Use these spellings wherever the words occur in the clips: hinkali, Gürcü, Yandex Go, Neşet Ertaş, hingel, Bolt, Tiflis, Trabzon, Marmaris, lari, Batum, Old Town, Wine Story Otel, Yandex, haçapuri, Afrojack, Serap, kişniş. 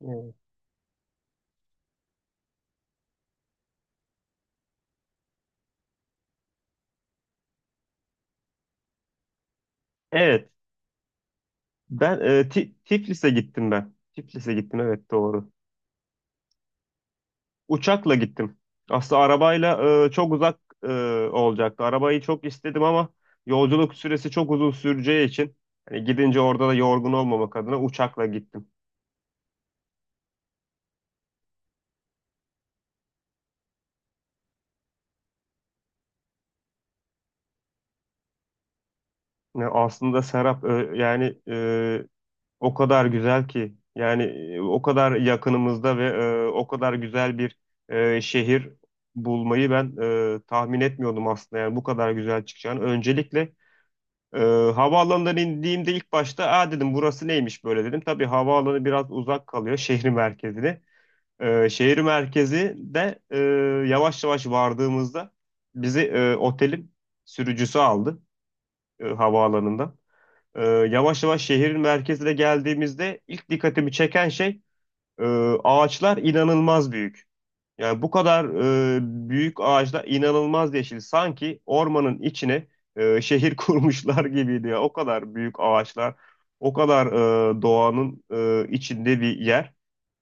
Evet. Evet. Ben Tiflis'e gittim ben. Tiflis'e gittim, evet, doğru. Uçakla gittim. Aslında arabayla çok uzak olacaktı. Arabayı çok istedim ama yolculuk süresi çok uzun süreceği için hani gidince orada da yorgun olmamak adına uçakla gittim. Yani aslında Serap, yani, o kadar güzel ki yani, o kadar yakınımızda ve o kadar güzel bir şehir bulmayı ben tahmin etmiyordum aslında, yani bu kadar güzel çıkacağını. Öncelikle e, havaalanından indiğimde ilk başta aa dedim, burası neymiş böyle dedim. Tabii havaalanı biraz uzak kalıyor şehir merkezine. Şehir merkezi de, yavaş yavaş vardığımızda bizi otelin sürücüsü aldı havaalanında. Yavaş yavaş şehrin merkezine geldiğimizde ilk dikkatimi çeken şey e, ağaçlar inanılmaz büyük. Yani bu kadar büyük ağaçlar, inanılmaz yeşil. Sanki ormanın içine şehir kurmuşlar gibiydi ya. O kadar büyük ağaçlar, o kadar doğanın içinde bir yer.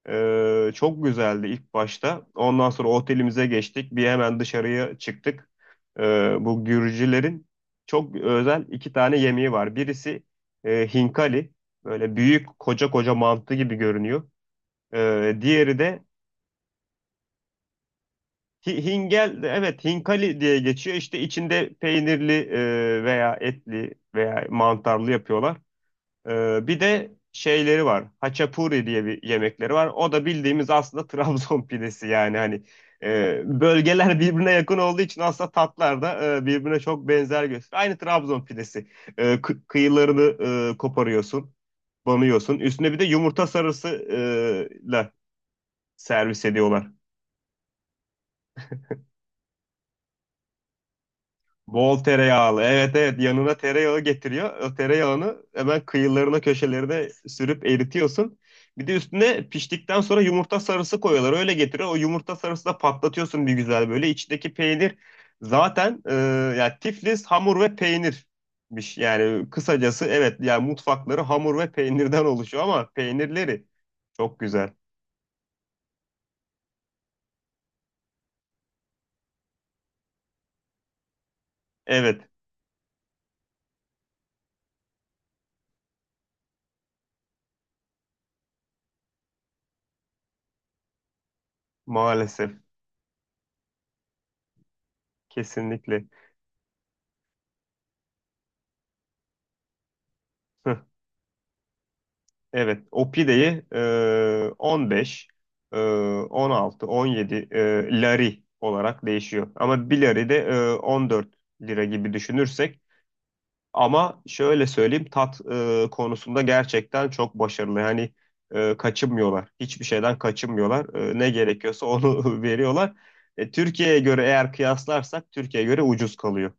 Çok güzeldi ilk başta. Ondan sonra otelimize geçtik. Bir hemen dışarıya çıktık. Bu Gürcülerin çok özel iki tane yemeği var. Birisi hinkali. Böyle büyük koca koca mantı gibi görünüyor. Diğeri de hingel. Evet, hinkali diye geçiyor. İşte içinde peynirli veya etli veya mantarlı yapıyorlar. Bir de şeyleri var. Haçapuri diye bir yemekleri var. O da bildiğimiz aslında Trabzon pidesi yani hani bölgeler birbirine yakın olduğu için aslında tatlar da birbirine çok benzer gösteriyor. Aynı Trabzon pidesi. Kıyılarını koparıyorsun, banıyorsun. Üstüne bir de yumurta sarısı ile servis ediyorlar. Bol tereyağlı. Evet, evet, yanına tereyağı getiriyor. O tereyağını hemen kıyılarına köşelerine sürüp eritiyorsun. Bir de üstüne piştikten sonra yumurta sarısı koyuyorlar. Öyle getiriyor. O yumurta sarısı da patlatıyorsun bir güzel böyle. İçindeki peynir zaten, yani Tiflis hamur ve peynirmiş. Yani kısacası evet, yani mutfakları hamur ve peynirden oluşuyor ama peynirleri çok güzel. Evet, maalesef. Kesinlikle. Evet, o pideyi 15, e, 16, 17 lari olarak değişiyor. Ama bir lari de 14 lira gibi düşünürsek. Ama şöyle söyleyeyim, tat konusunda gerçekten çok başarılı. Yani kaçınmıyorlar. Hiçbir şeyden kaçınmıyorlar. E, ne gerekiyorsa onu veriyorlar. E, Türkiye'ye göre, eğer kıyaslarsak Türkiye'ye göre ucuz kalıyor.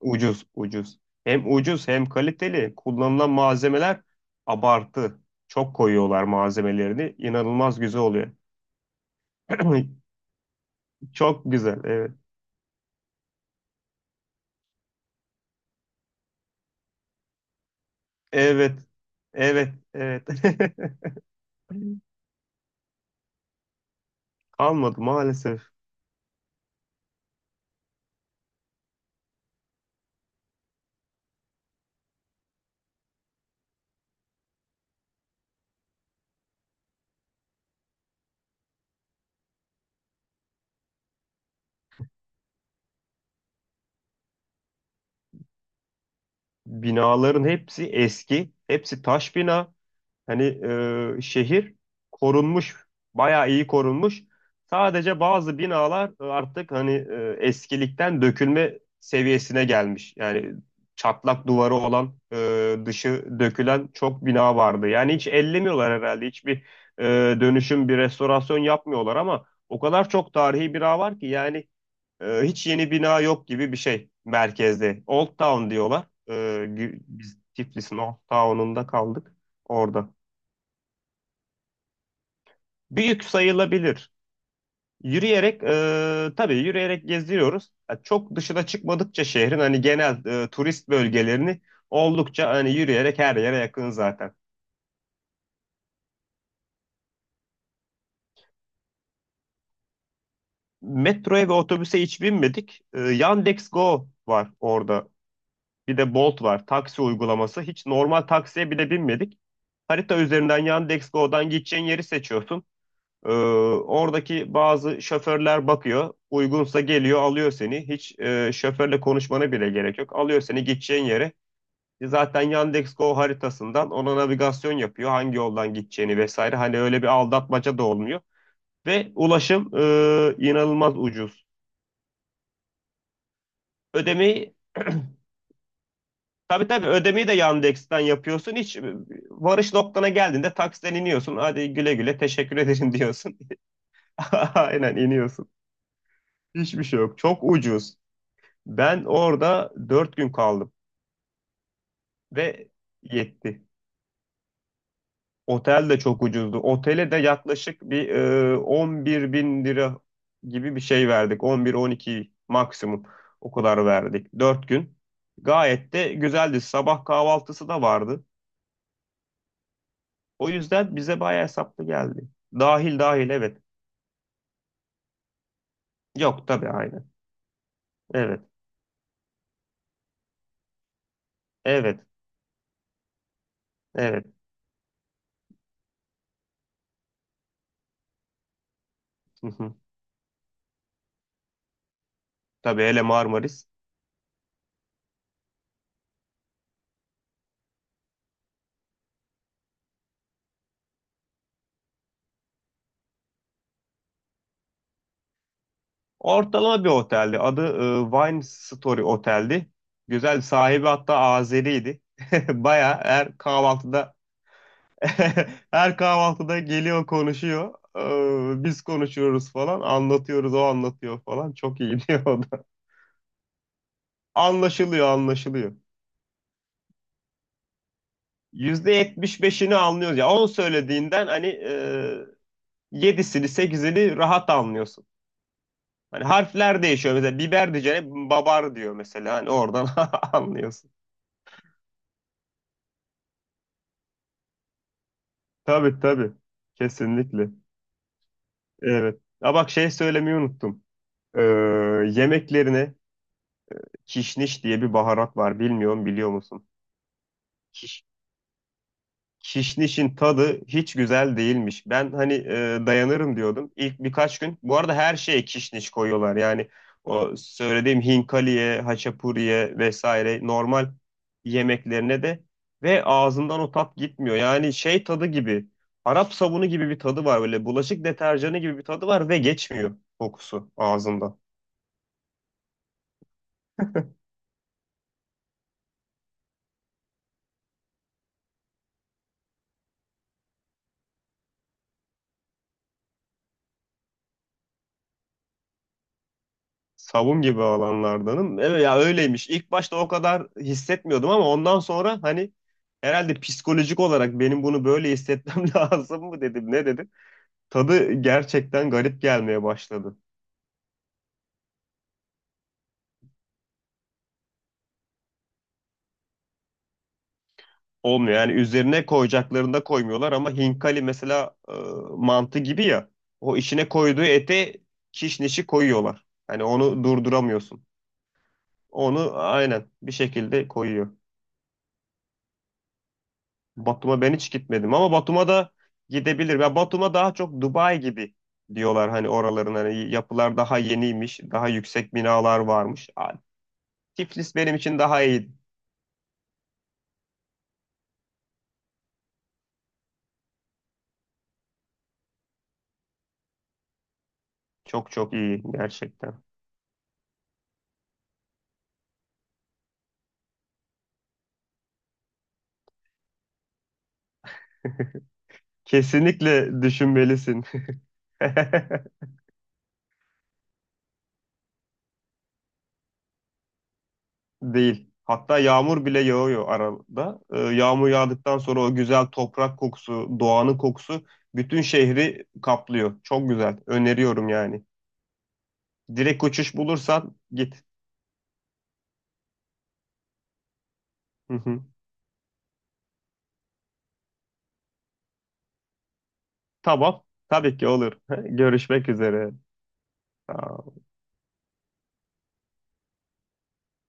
Ucuz, ucuz. Hem ucuz hem kaliteli. Kullanılan malzemeler abartı. Çok koyuyorlar malzemelerini. İnanılmaz güzel oluyor. Çok güzel. Evet. Evet. Evet. Evet. Kalmadı maalesef. Binaların hepsi eski. Hepsi taş bina. Hani, şehir korunmuş, bayağı iyi korunmuş. Sadece bazı binalar artık hani eskilikten dökülme seviyesine gelmiş. Yani çatlak duvarı olan, dışı dökülen çok bina vardı. Yani hiç ellemiyorlar herhalde. Hiçbir e, dönüşüm, bir restorasyon yapmıyorlar ama o kadar çok tarihi bina var ki, yani hiç yeni bina yok gibi bir şey merkezde. Old Town diyorlar. Biz Tiflis'in Old Town'unda kaldık orada. Büyük sayılabilir. Yürüyerek, tabii yürüyerek geziyoruz. Ya çok dışına çıkmadıkça şehrin hani genel turist bölgelerini oldukça hani yürüyerek her yere yakın zaten. Metroya ve otobüse hiç binmedik. E, Yandex Go var orada. Bir de Bolt var. Taksi uygulaması. Hiç normal taksiye bile binmedik. Harita üzerinden Yandex Go'dan gideceğin yeri seçiyorsun. Ee, Oradaki bazı şoförler bakıyor. Uygunsa geliyor, alıyor seni. Hiç şoförle konuşmana bile gerek yok. Alıyor seni gideceğin yere. E, zaten Yandex.Go haritasından ona navigasyon yapıyor. Hangi yoldan gideceğini vesaire. Hani öyle bir aldatmaca da olmuyor. Ve ulaşım inanılmaz ucuz. Ödemeyi tabii tabii ödemeyi de Yandex'ten yapıyorsun. Hiç varış noktana geldiğinde taksiden iniyorsun. Hadi güle güle, teşekkür ederim diyorsun. Aynen iniyorsun. Hiçbir şey yok. Çok ucuz. Ben orada 4 gün kaldım ve yetti. Otel de çok ucuzdu. Otele de yaklaşık bir, 11 bin lira gibi bir şey verdik. 11-12 maksimum o kadar verdik. 4 gün. Gayet de güzeldi. Sabah kahvaltısı da vardı. O yüzden bize bayağı hesaplı geldi. Dahil, dahil, evet. Yok tabii, aynen. Evet. Evet. Evet. Hı hı. Tabii, hele Marmaris. Ortalama bir oteldi. Adı Wine Story Otel'di. Güzel, sahibi hatta Azeriydi. Baya her kahvaltıda her kahvaltıda geliyor konuşuyor. E, biz konuşuyoruz falan. Anlatıyoruz, o anlatıyor falan. Çok iyi diyor o da. Anlaşılıyor, anlaşılıyor. %75'ini anlıyoruz. Ya on söylediğinden hani 7'sini 8'ini rahat anlıyorsun. Hani harfler değişiyor. Mesela biber diyeceğine babar diyor mesela. Hani oradan anlıyorsun. Tabii, tabii. Kesinlikle. Evet. Ha bak, şey söylemeyi unuttum. Ee, Yemeklerine kişniş diye bir baharat var. Bilmiyorum, biliyor musun? Kişnişin tadı hiç güzel değilmiş. Ben hani dayanırım diyordum. İlk birkaç gün. Bu arada her şeye kişniş koyuyorlar. Yani o söylediğim hinkaliye, haçapuriye vesaire, normal yemeklerine de. Ve ağzından o tat gitmiyor. Yani şey tadı gibi. Arap sabunu gibi bir tadı var böyle. Bulaşık deterjanı gibi bir tadı var ve geçmiyor kokusu ağzında. Savun gibi alanlardanım. Evet ya, öyleymiş. İlk başta o kadar hissetmiyordum ama ondan sonra hani herhalde psikolojik olarak benim bunu böyle hissetmem lazım mı dedim, ne dedim. Tadı gerçekten garip gelmeye başladı. Olmuyor, yani üzerine koyacaklarında koymuyorlar ama hinkali mesela, mantı gibi ya, o içine koyduğu ete kişnişi koyuyorlar. Hani onu durduramıyorsun. Onu aynen bir şekilde koyuyor. Batum'a ben hiç gitmedim ama Batum'a da gidebilir. Ya Batum'a daha çok Dubai gibi diyorlar, hani oraların hani yapılar daha yeniymiş, daha yüksek binalar varmış. Aa, Tiflis benim için daha iyi. Çok çok iyi gerçekten. Kesinlikle düşünmelisin. Değil. Hatta yağmur bile yağıyor arada. Yağmur yağdıktan sonra o güzel toprak kokusu, doğanın kokusu bütün şehri kaplıyor. Çok güzel. Öneriyorum yani. Direkt uçuş bulursan git. Tamam. Tabii ki olur. Görüşmek üzere. Sağ ol.